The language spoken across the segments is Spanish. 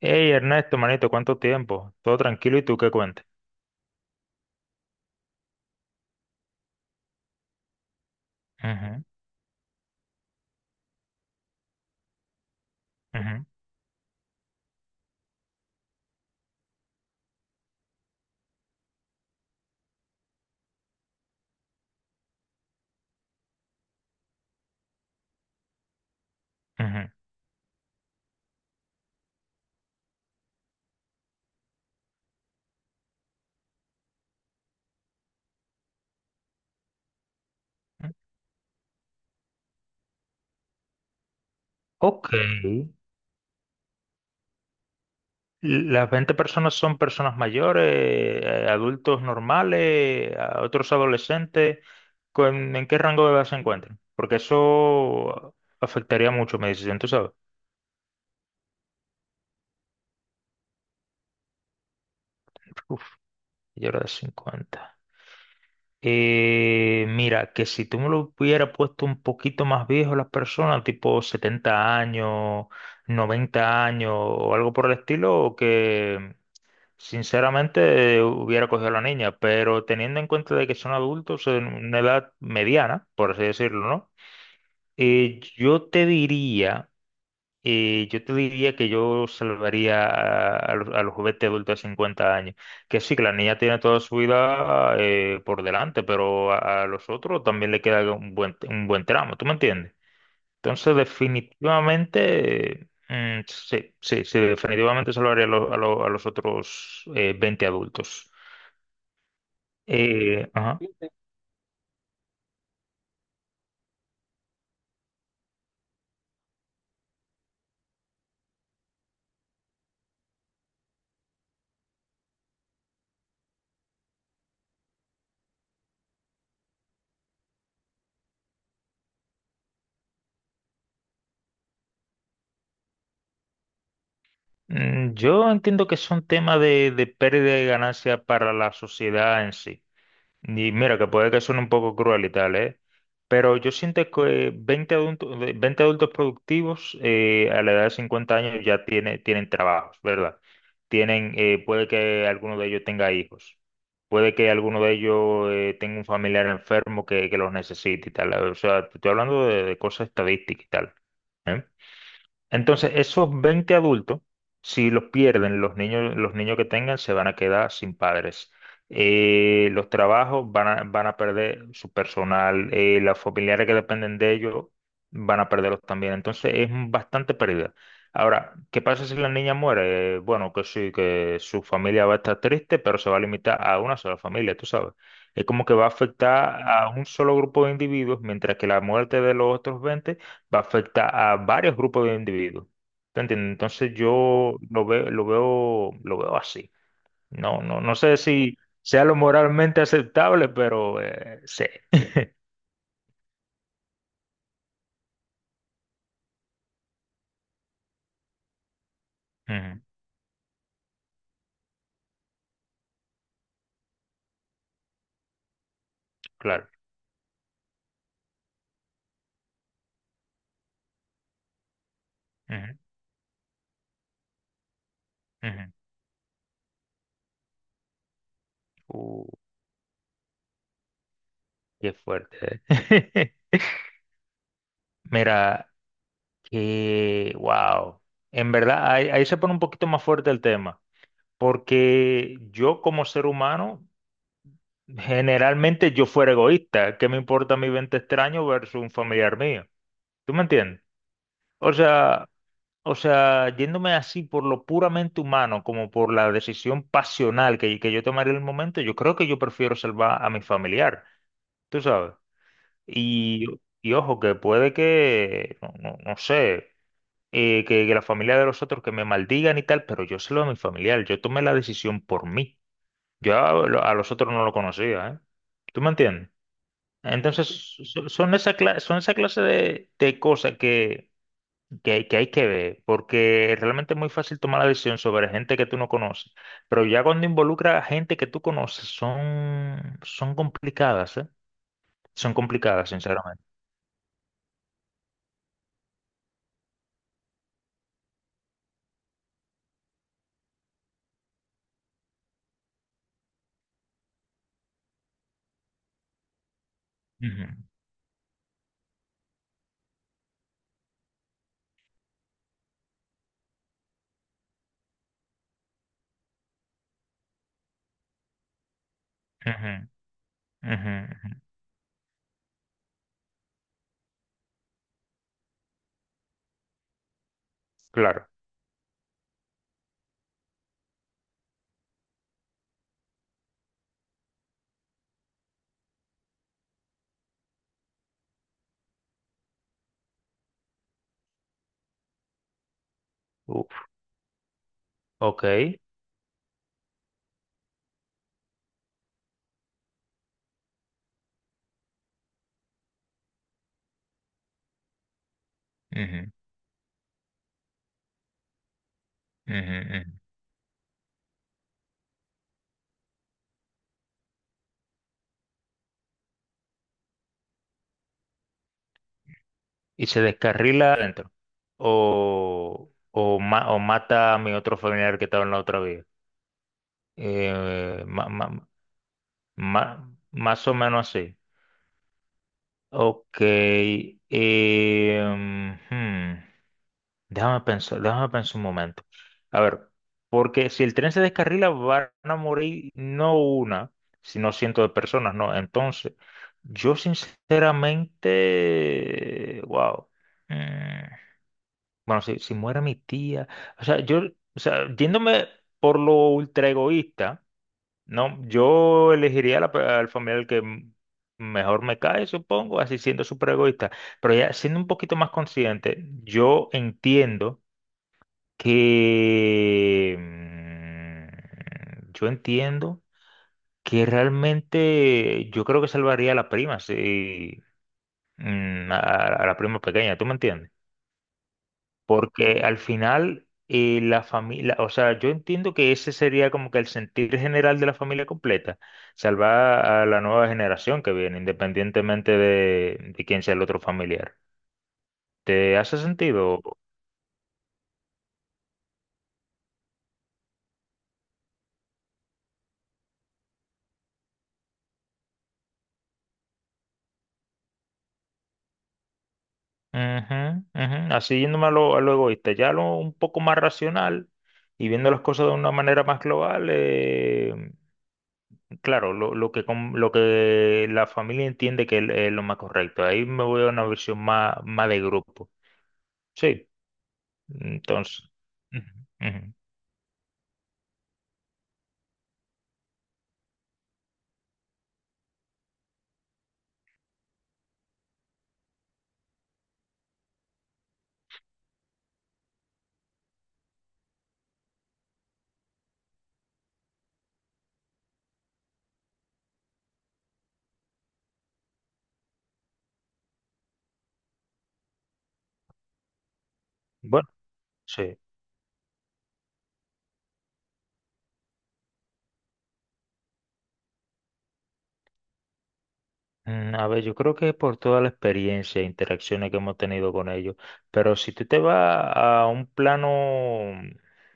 Hey Ernesto, manito, ¿cuánto tiempo? Todo tranquilo y tú qué cuentes. Ujú, ujú, ujú. Ok. Las 20 personas son personas mayores, adultos normales, a otros adolescentes. ¿En qué rango de edad se encuentran? Porque eso afectaría mucho mi decisión, tú sabes. Uf, yo era de 50. Mira, que si tú me lo hubieras puesto un poquito más viejo las personas, tipo 70 años, 90 años o algo por el estilo, que sinceramente hubiera cogido a la niña, pero teniendo en cuenta de que son adultos en una edad mediana, por así decirlo, ¿no? Yo te diría... Y yo te diría que yo salvaría a los juguetes adultos de 50 años. Que sí, que la niña tiene toda su vida por delante, pero a los otros también le queda un buen tramo, ¿tú me entiendes? Entonces, definitivamente, sí, sí, sí, definitivamente salvaría a los otros 20 adultos. Ajá. Yo entiendo que son temas de pérdida de ganancia para la sociedad en sí. Y mira, que puede que suene un poco cruel y tal, ¿eh? Pero yo siento que 20 adultos, 20 adultos productivos a la edad de 50 años tienen trabajos, ¿verdad? Tienen, puede que alguno de ellos tenga hijos, puede que alguno de ellos tenga un familiar enfermo que los necesite y tal. O sea, te estoy hablando de cosas estadísticas y tal. ¿Eh? Entonces, esos 20 adultos, si los pierden, los niños que tengan se van a quedar sin padres. Los trabajos van a perder su personal, las familiares que dependen de ellos van a perderlos también. Entonces, es bastante pérdida. Ahora, ¿qué pasa si la niña muere? Bueno, que sí, que su familia va a estar triste, pero se va a limitar a una sola familia, tú sabes. Es como que va a afectar a un solo grupo de individuos, mientras que la muerte de los otros 20 va a afectar a varios grupos de individuos. ¿Te entiendes? Entonces yo lo veo así. No, no, no sé si sea lo moralmente aceptable, pero sí. Ujú, claro. Ujú, ujú. Uh, qué fuerte. ¿Eh? Mira, que wow. En verdad, ahí, ahí se pone un poquito más fuerte el tema, porque yo como ser humano, generalmente yo fuera egoísta. ¿Qué me importa mi 20 extraño versus un familiar mío? ¿Tú me entiendes? O sea, o sea, yéndome así por lo puramente humano, como por la decisión pasional que yo tomaré en el momento, yo creo que yo prefiero salvar a mi familiar, tú sabes. Y, y ojo, que puede que, no, no sé, que la familia de los otros que me maldigan y tal, pero yo salvo a mi familiar, yo tomé la decisión por mí. Yo a los otros no lo conocía, ¿eh? ¿Tú me entiendes? Entonces, son esa clase de cosas que hay que ver, porque realmente es muy fácil tomar la decisión sobre gente que tú no conoces, pero ya cuando involucra a gente que tú conoces, son complicadas, ¿eh? Son complicadas, sinceramente. Ujú, ujú, ujú, ujú. Claro. Uf, ok. Ujú, ujú, ujú. Y se descarrila adentro. O mata a mi otro familiar que estaba en la otra vida. Eh, ma- ma- más o menos así. Ok, em, hmm, déjame pensar un momento. A ver, porque si el tren se descarrila van a morir no una, sino cientos de personas, ¿no? Entonces, yo sinceramente, wow. mm, bueno, si muere mi tía, o sea, yo, o sea, yéndome por lo ultra egoísta. No, yo elegiría al familiar que mejor me cae, supongo, así siendo súper egoísta. Pero ya siendo un poquito más consciente, yo entiendo que... Yo entiendo que realmente yo creo que salvaría a la prima, sí, mm, a, a la prima pequeña, ¿tú me entiendes? Porque al final la familia, o sea, yo entiendo que ese sería como que el sentir general de la familia completa, salvar a la nueva generación que viene, independientemente de quién sea el otro familiar. ¿Te hace sentido? Ujú, ujú. Así yéndome a lo egoísta, ya lo un poco más racional y viendo las cosas de una manera más global, claro, lo que la familia entiende que es lo más correcto. Ahí me voy a una versión más, más de grupo. Sí. Entonces, ujú, ujú. Bueno, sí. A ver, yo creo que por toda la experiencia e interacciones que hemos tenido con ellos, pero si tú te vas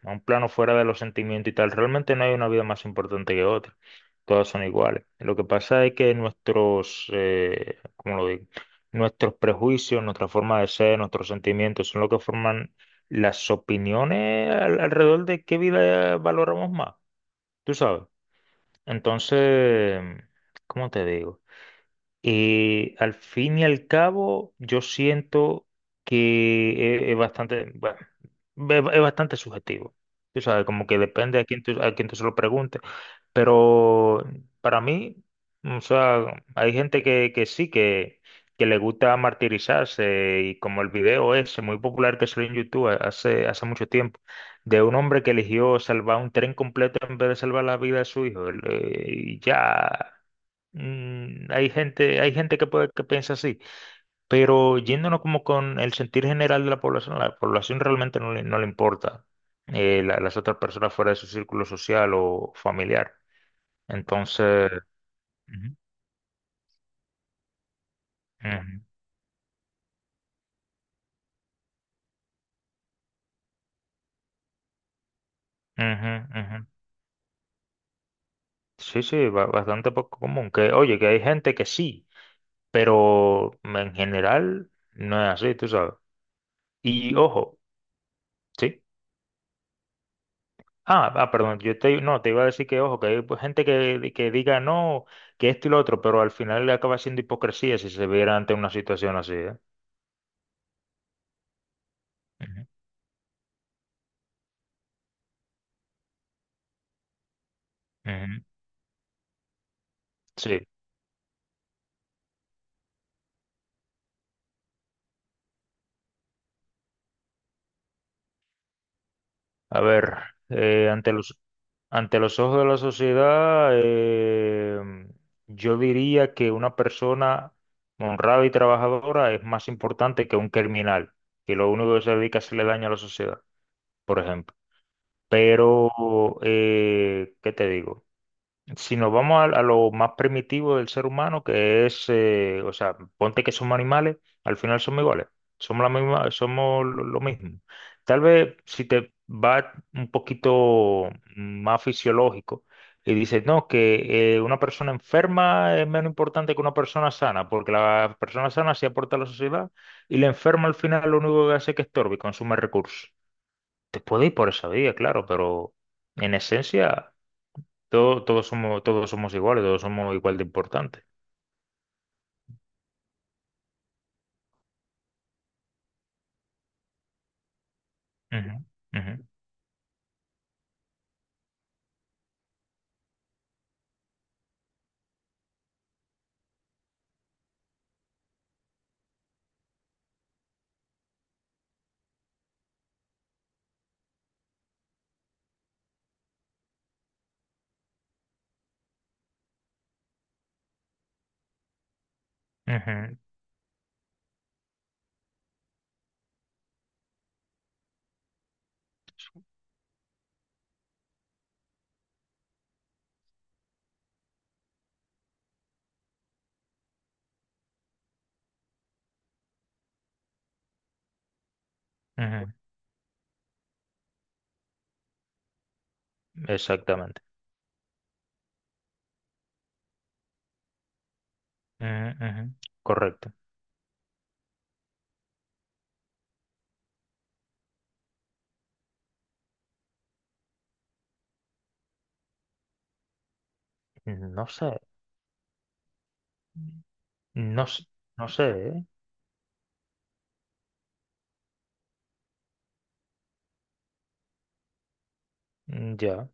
a un plano fuera de los sentimientos y tal, realmente no hay una vida más importante que otra. Todas son iguales. Lo que pasa es que nuestros, ¿cómo lo digo? Nuestros prejuicios, nuestra forma de ser, nuestros sentimientos son lo que forman las opiniones alrededor de qué vida valoramos más. Tú sabes. Entonces, ¿cómo te digo? Al fin y al cabo, yo siento que es bastante, bueno, es bastante subjetivo. Tú sabes, como que depende a quién tú se lo preguntes. Pero para mí, o sea, hay gente que sí, que le gusta martirizarse y como el video ese muy popular que salió en YouTube hace mucho tiempo, de un hombre que eligió salvar un tren completo en vez de salvar la vida de su hijo. Y ya. Hay gente que puede que piensa así, pero yéndonos como con el sentir general de la población realmente no le importa las otras personas fuera de su círculo social o familiar. Entonces, ujú, ujú, ujú, ujú. Sí, sí, bastante poco común. Que, oye, que hay gente que sí, pero en general no es así, tú sabes. Y ojo, sí. Ah, ah, perdón, no, te iba a decir que, ojo, que hay pues, gente que diga no, que esto y lo otro, pero al final le acaba siendo hipocresía si se viera ante una situación así, ¿eh? Ujú, ujú. Sí, a ver, eh, ante los, ante los ojos de la sociedad, yo diría que una persona honrada y trabajadora es más importante que un criminal, que lo único que se dedica es hacerle daño a la sociedad, por ejemplo. Pero, ¿qué te digo? Si nos vamos a lo más primitivo del ser humano, que es, o sea, ponte que somos animales, al final somos iguales, somos la misma, somos lo mismo. Tal vez si te va un poquito más fisiológico y dices, no, que una persona enferma es menos importante que una persona sana, porque la persona sana sí aporta a la sociedad y la enferma al final lo único que hace es que estorbe y consume recursos. Te puede ir por esa vía, claro, pero en esencia... Todos somos iguales, todos somos igual de importantes. Ujú, ujú, ujú, ujú, exactamente. Ujú, ujú, correcto. No sé. No, no sé, ¿eh? Mm, ya.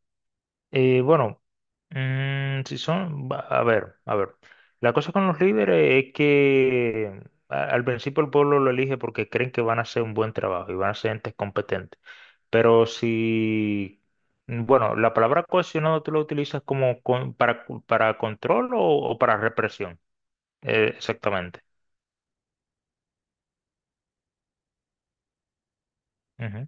Bueno, mm, si son, va- a ver, a ver. La cosa con los líderes es que al principio el pueblo lo elige porque creen que van a hacer un buen trabajo y van a ser entes competentes. Pero si, bueno, la palabra cohesionado tú la utilizas como para control o para represión, exactamente. Ujú.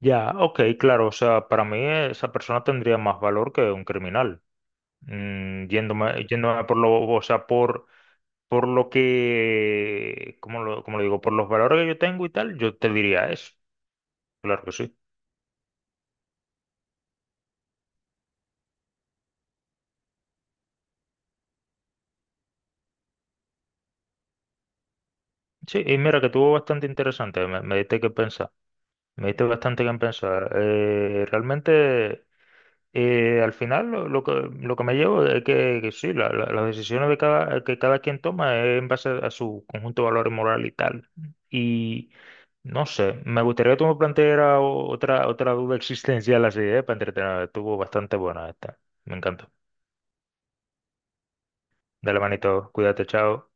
Ya, ok, claro, o sea, para mí esa persona tendría más valor que un criminal, yéndome por lo, o sea, por lo que, ¿cómo lo digo? Por los valores que yo tengo y tal, yo te diría eso, claro que sí. Sí, y mira que tuvo bastante interesante, me diste que pensar, me diste bastante que pensar. Realmente... Y al final lo que me llevo es que sí, las decisiones de que cada quien toma es en base a su conjunto de valores moral y tal. Y no sé, me gustaría que tú me plantearas otra duda existencial así, ¿eh? Para entretener. Estuvo bastante buena esta. Me encantó. Dale manito, cuídate, chao.